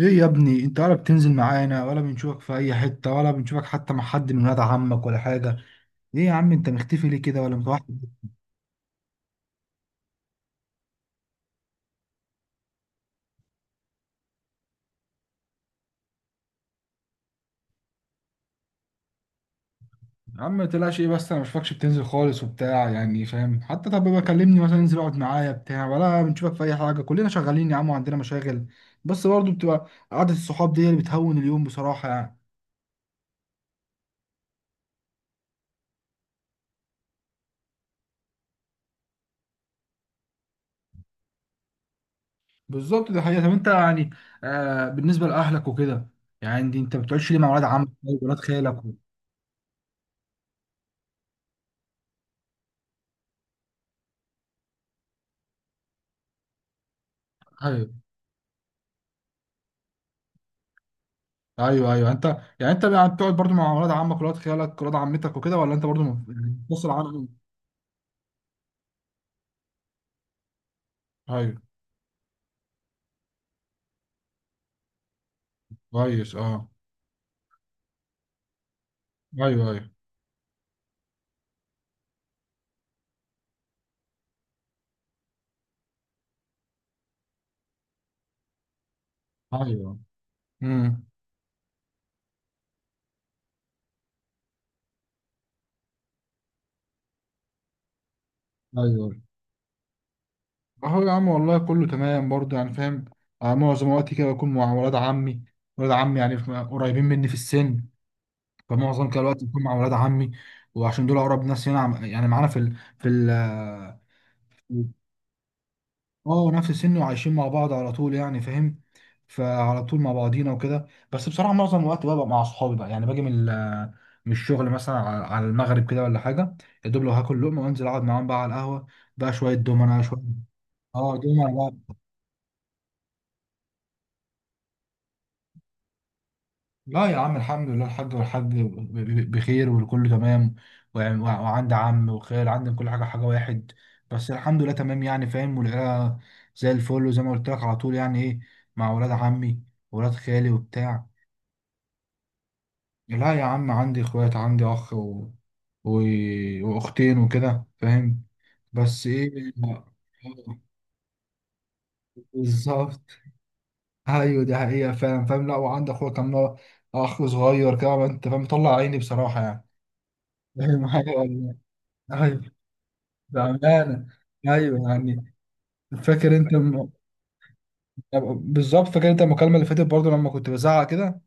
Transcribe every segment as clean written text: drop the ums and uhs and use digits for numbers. ايه يا ابني، انت ولا بتنزل معانا، ولا بنشوفك في اي حتة، ولا بنشوفك حتى مع حد من ولاد عمك ولا حاجة. ايه يا عم، انت مختفي ليه كده ولا متوحد؟ يا عم ما تقلقش ايه، بس انا مش فاكش بتنزل خالص وبتاع، يعني فاهم؟ حتى طب بقى كلمني مثلا، انزل اقعد معايا بتاع ولا بنشوفك في اي حاجة. كلنا شغالين يا عم وعندنا مشاغل. بس برضه بتبقى قعدة الصحاب دي هي اللي بتهون اليوم بصراحة يعني. بالظبط، دي حقيقة. طب انت يعني، بالنسبة لأهلك وكده، يعني انت ما بتقعدش ليه مع ولاد عمك أو ولاد خالك؟ و... ايوه ايوه، انت بقى بتقعد برضو مع ولاد عمك، ولاد خالك، ولاد عمتك وكده، ولا انت برضو مفصل عنهم؟ ايوه. كويس اه. ايوه، ايوه، ايوه. امم. ايوه، اهو يا عم والله كله تمام برضو، يعني فاهم. آه، معظم وقتي كده بكون مع ولاد عمي. ولاد عمي يعني قريبين مني في السن. فمعظم كده الوقت بكون مع ولاد عمي، وعشان دول اقرب ناس هنا، يعني معانا اه، نفس السن وعايشين مع بعض على طول يعني فاهم. فعلى طول مع بعضينا وكده، بس بصراحه معظم الوقت ببقى مع اصحابي بقى، يعني باجي من الشغل مثلا، على المغرب كده ولا حاجه. يا دوب لو هاكل لقمه وانزل اقعد معاهم بقى على القهوه، بقى شويه دومنا شويه. اه دومنا بقى. لا يا عم، الحمد لله، الحاج والحاج بخير، والكل تمام. وعندي عم وخال، عندي كل حاجه، حاجه واحد. بس الحمد لله تمام يعني فاهم، والعيله زي الفل، وزي ما قلت لك على طول، يعني ايه، مع ولاد عمي، ولاد خالي وبتاع. لا يا عم، عندي اخوات، عندي اخ و... واختين وكده فاهم. بس ايه. بالظبط. ايوه دي حقيقة، فاهم. لا وعندي اخويا، كان هو اخ صغير كده انت فاهم، مطلع عيني بصراحة يعني. فاهم، ايوه والله. ايوه، بأمانة، ايوه يعني. فاكر انت بالظبط، فاكر انت المكالمة اللي فاتت برضه لما كنت بزعق كده؟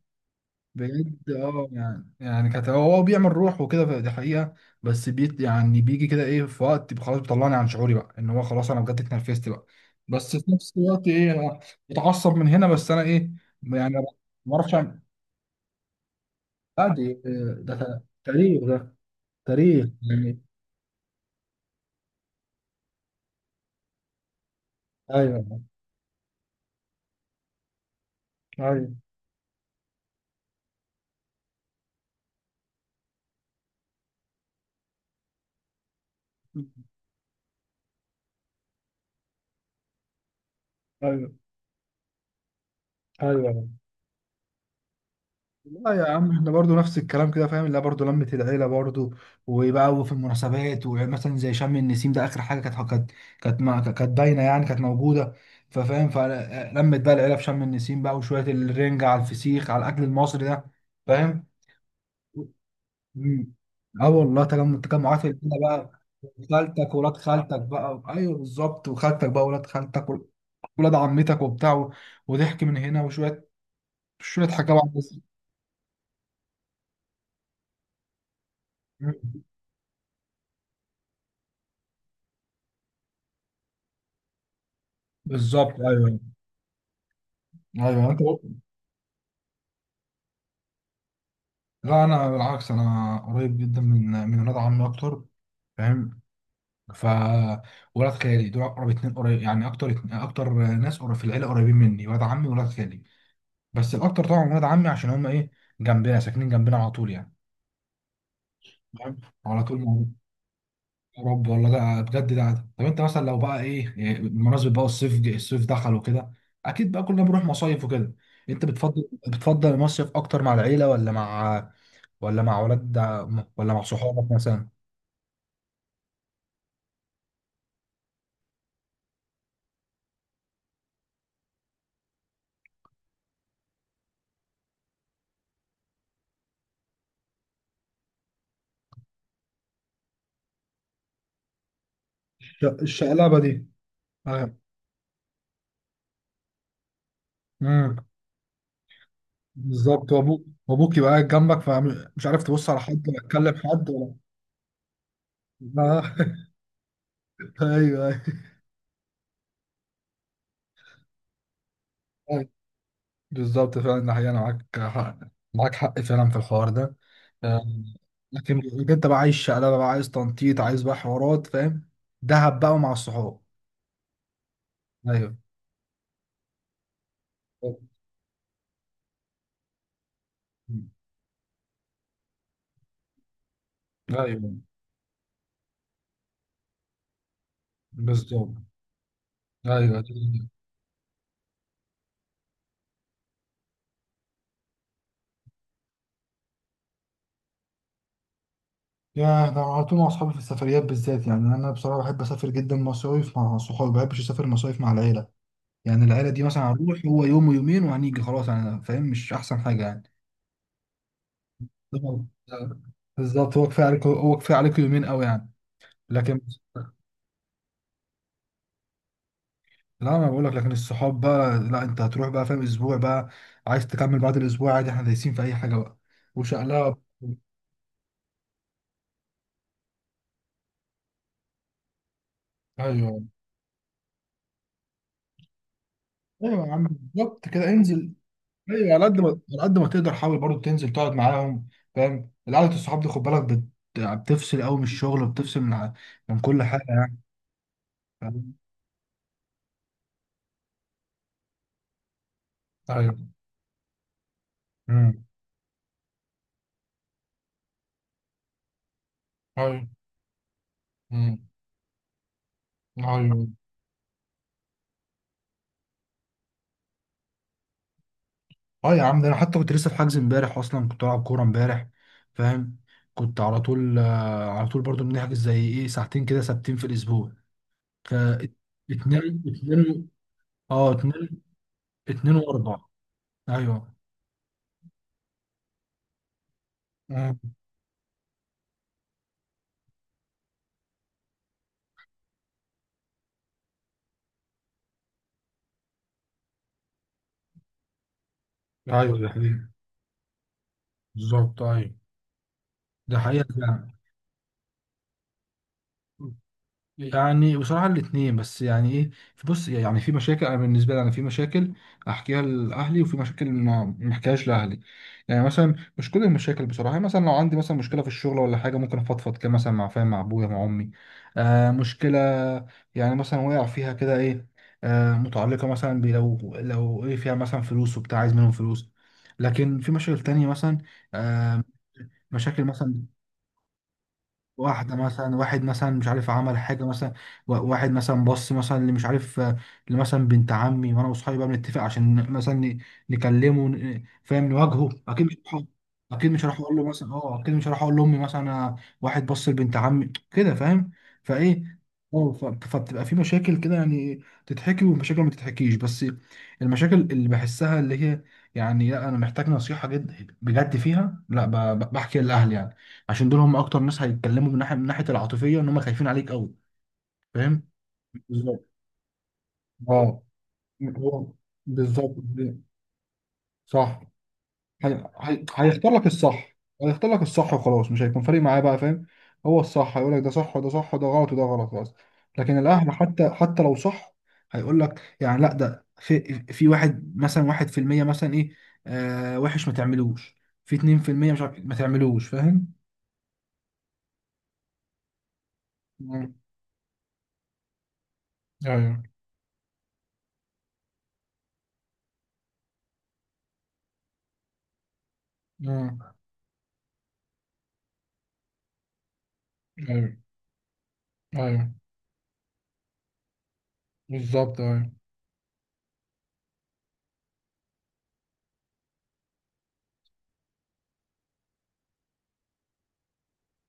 بجد، اه، يعني كانت، هو بيعمل روح وكده، دي حقيقة. بس بيت يعني بيجي كده ايه في وقت خلاص، بيطلعني عن شعوري بقى، ان هو خلاص انا بجد اتنرفزت بقى. بس في نفس الوقت ايه، أنا بتعصب من هنا، بس انا ايه يعني، ما اعرفش اعمل إيه. لا دي، ده تاريخ، ده تاريخ يعني. ايوه، ايوه، ايوه، ايوه. لا يا عم، احنا برضو نفس الكلام كده فاهم، اللي هي برضو لمة العيلة برضو. وبقى في المناسبات، ومثلا زي شم النسيم ده، آخر حاجة كانت باينة يعني، كانت موجودة. ففاهم، فلمت بقى العيلة في شم النسيم بقى، وشوية الرنجة، على الفسيخ، على الأكل المصري ده فاهم. مم. اه والله، تجمعات العيلة بقى. خالتك، ولاد خالتك بقى، ايوه بالظبط، وخالتك بقى، ولاد خالتك، ولاد عمتك وبتاع، وضحك من هنا، وشوية شوية حاجات بقى. بالظبط، ايوه ايوه انت. لا انا بالعكس، انا قريب جدا من ولاد عمي اكتر، فاهم. ف ولاد خالي دول اقرب اتنين قريب يعني، اكتر اتنين اكتر ناس قريب في العيله، قريبين مني ولاد عمي وولاد خالي. بس الاكتر طبعا ولاد عمي، عشان هم ايه، جنبنا، ساكنين جنبنا على طول يعني، فاهم، على طول موجود. يا رب والله. ده بجد ده، طب انت مثلا لو بقى ايه، بمناسبه بقى، الصيف دخل وكده، اكيد بقى كلنا بنروح مصايف وكده. انت بتفضل المصيف اكتر مع العيله، ولا مع، ولا مع ولاد ولا مع صحابك مثلا؟ الشقلبه دي. ايوه. امم. بالظبط، وابوك يبقى قاعد جنبك، فمش عارف تبص على حد ولا تكلم حد ولا آه. ايوه ايوه أيوة. بالظبط فعلا، ده حقيقة، انا معاك حق، معاك حق فعلا في الحوار ده. آه. لكن انت بقى عايز شقلبه بقى، عايز تنطيط، عايز بقى حوارات فاهم، دهب بقى مع الصحاب. ايوه، ايوه، بالظبط، ايوه. يا ده، أنا على طول مع اصحابي في السفريات بالذات، يعني انا بصراحه بحب اسافر جدا مصايف مع صحابي، ما بحبش اسافر مصايف مع العيله. يعني العيله دي مثلا، هنروح هو يوم ويومين وهنيجي خلاص، يعني فاهم مش احسن حاجه يعني. طبعاً. بالظبط، هو كفايه عليك، هو كفايه عليك يومين قوي يعني. لكن، لا انا بقول لك، لكن الصحاب بقى، لا انت هتروح بقى فاهم اسبوع بقى، عايز تكمل بعد الاسبوع عادي، احنا دايسين في اي حاجه بقى، وشقلها. ايوه ايوه يا عم، بالظبط كده انزل. ايوه، على قد ما تقدر، حاول برضو تنزل تقعد معاهم. فاهم، القعده الصحاب دي خد بالك بتفصل قوي من الشغل، وبتفصل من كل حاجه يعني. فاهم؟ ايوه، ايوه، أمم، ايوه. اه يا عم، ده انا حتى كنت لسه في حجز امبارح، اصلا كنت بلعب كوره امبارح فاهم. كنت على طول، على طول برضو بنحجز زي ايه ساعتين كده ثابتين في الاسبوع. ف اتنين اتنين، اه اتنين، اتنين واربعة. ايوه. أمم. ايوه، ده حقيقي. بالظبط، ايوه، ده حقيقة. فعلا، يعني بصراحة الاتنين، بس يعني ايه، بص يعني في مشاكل، انا بالنسبة لي انا في مشاكل احكيها لاهلي، وفي مشاكل ما احكيهاش لاهلي. يعني مثلا مش كل المشاكل بصراحة، يعني مثلا لو عندي مثلا مشكلة في الشغل ولا حاجة، ممكن افضفض كده مثلا، مع فاهم، مع ابويا، مع امي. آه، مشكلة يعني مثلا وقع فيها كده ايه، آه متعلقة مثلا لو ايه فيها مثلا فلوس وبتاع، عايز منهم فلوس. لكن في مشاكل تانية مثلا، آه، مشاكل مثلا، واحدة مثلا، واحد مثلا مش عارف عمل حاجة مثلا، واحد مثلا، بص مثلا اللي مش عارف، آه، اللي مثلا بنت عمي، وانا واصحابي بقى بنتفق عشان مثلا نكلمه، فاهم نواجهه، اكيد مش هروح، اكيد مش هروح اقول له مثلا، اه اكيد مش هروح اقول لامي مثلا، آه، واحد بص لبنت عمي كده فاهم، فايه، اه، فبتبقى في مشاكل كده يعني، تتحكي، ومشاكل ما تتحكيش، بس المشاكل اللي بحسها، اللي هي يعني، لا انا محتاج نصيحة جد بجد فيها، لا بحكي لاهلي يعني، عشان دول هم اكتر ناس هيتكلموا من ناحيه العاطفيه، ان هم خايفين عليك قوي، فاهم. بالظبط، اه، هو- بالظبط. صح. هي... هيختار لك الصح، هيختار لك الصح وخلاص، مش هيكون فارق معاه بقى فاهم. هو الصح هيقول لك ده صح، وده صح، وده غلط، وده غلط، خلاص. لكن الاهل حتى لو صح هيقول لك يعني، لا ده في، في واحد مثلا، 1% مثلا ايه، آه وحش، ما تعملوش، في 2% مش عارف ما تعملوش فاهم. مم. ايوه. مم. ايوه، ايوه، بالظبط، اه.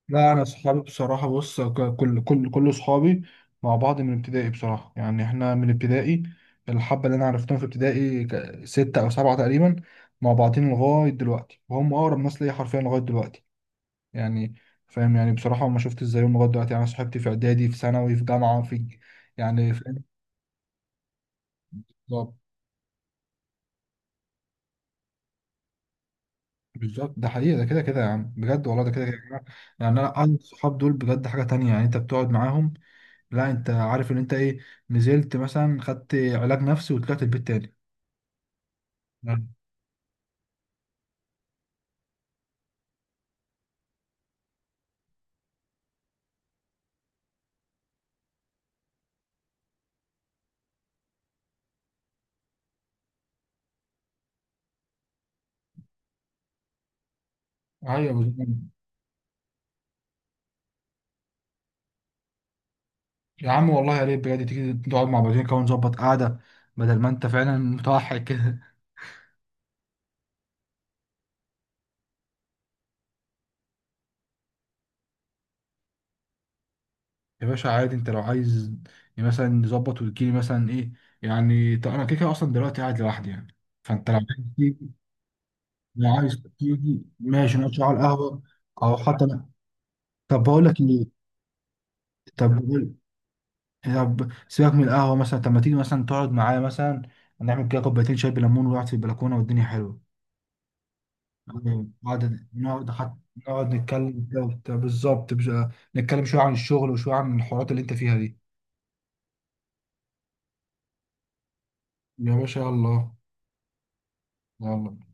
لا انا اصحابي بصراحه، بص، كل اصحابي مع بعض من ابتدائي بصراحه، يعني احنا من ابتدائي، الحبه اللي انا عرفتهم في ابتدائي سته او سبعه تقريبا، مع بعضين لغايه دلوقتي، وهم اقرب ناس ليا حرفيا لغايه دلوقتي يعني، فاهم يعني. بصراحه ما شفتش زيهم لغايه دلوقتي، يعني أنا صاحبتي في اعدادي، في ثانوي، في جامعه، يعني فاهم. بالظبط بالظبط، ده حقيقه ده، كده كده يا عم بجد والله، ده كده كده. يعني انا قعدة الصحاب دول بجد حاجه تانية، يعني انت بتقعد معاهم. لا انت عارف ان انت ايه، نزلت مثلا خدت علاج نفسي وطلعت البيت تاني. نعم. ايوه بالظبط. يا عم والله، يا ريت بجد تيجي نقعد مع بعضين كده ونظبط قعده، بدل ما انت فعلا متوحد كده. يا باشا عادي، انت لو عايز مثلا نظبط وتجيلي مثلا ايه، يعني طب انا كده كده اصلا دلوقتي قاعد لوحدي يعني، فانت لو عايز تيجي ماشي، نقعد شوية على القهوه، او حتى انا، طب بقول لك ايه، طب يعني، طب سيبك من القهوة مثلا، طب ما تيجي مثلا تقعد معايا مثلا، نعمل كده كوبايتين شاي بليمون، ونقعد في البلكونة والدنيا حلوة، يعني نقعد نتكلم كده وبتاع. بالظبط، نتكلم شوية عن الشغل، وشوية عن الحوارات اللي انت فيها دي. يا باشا يلا، يلا.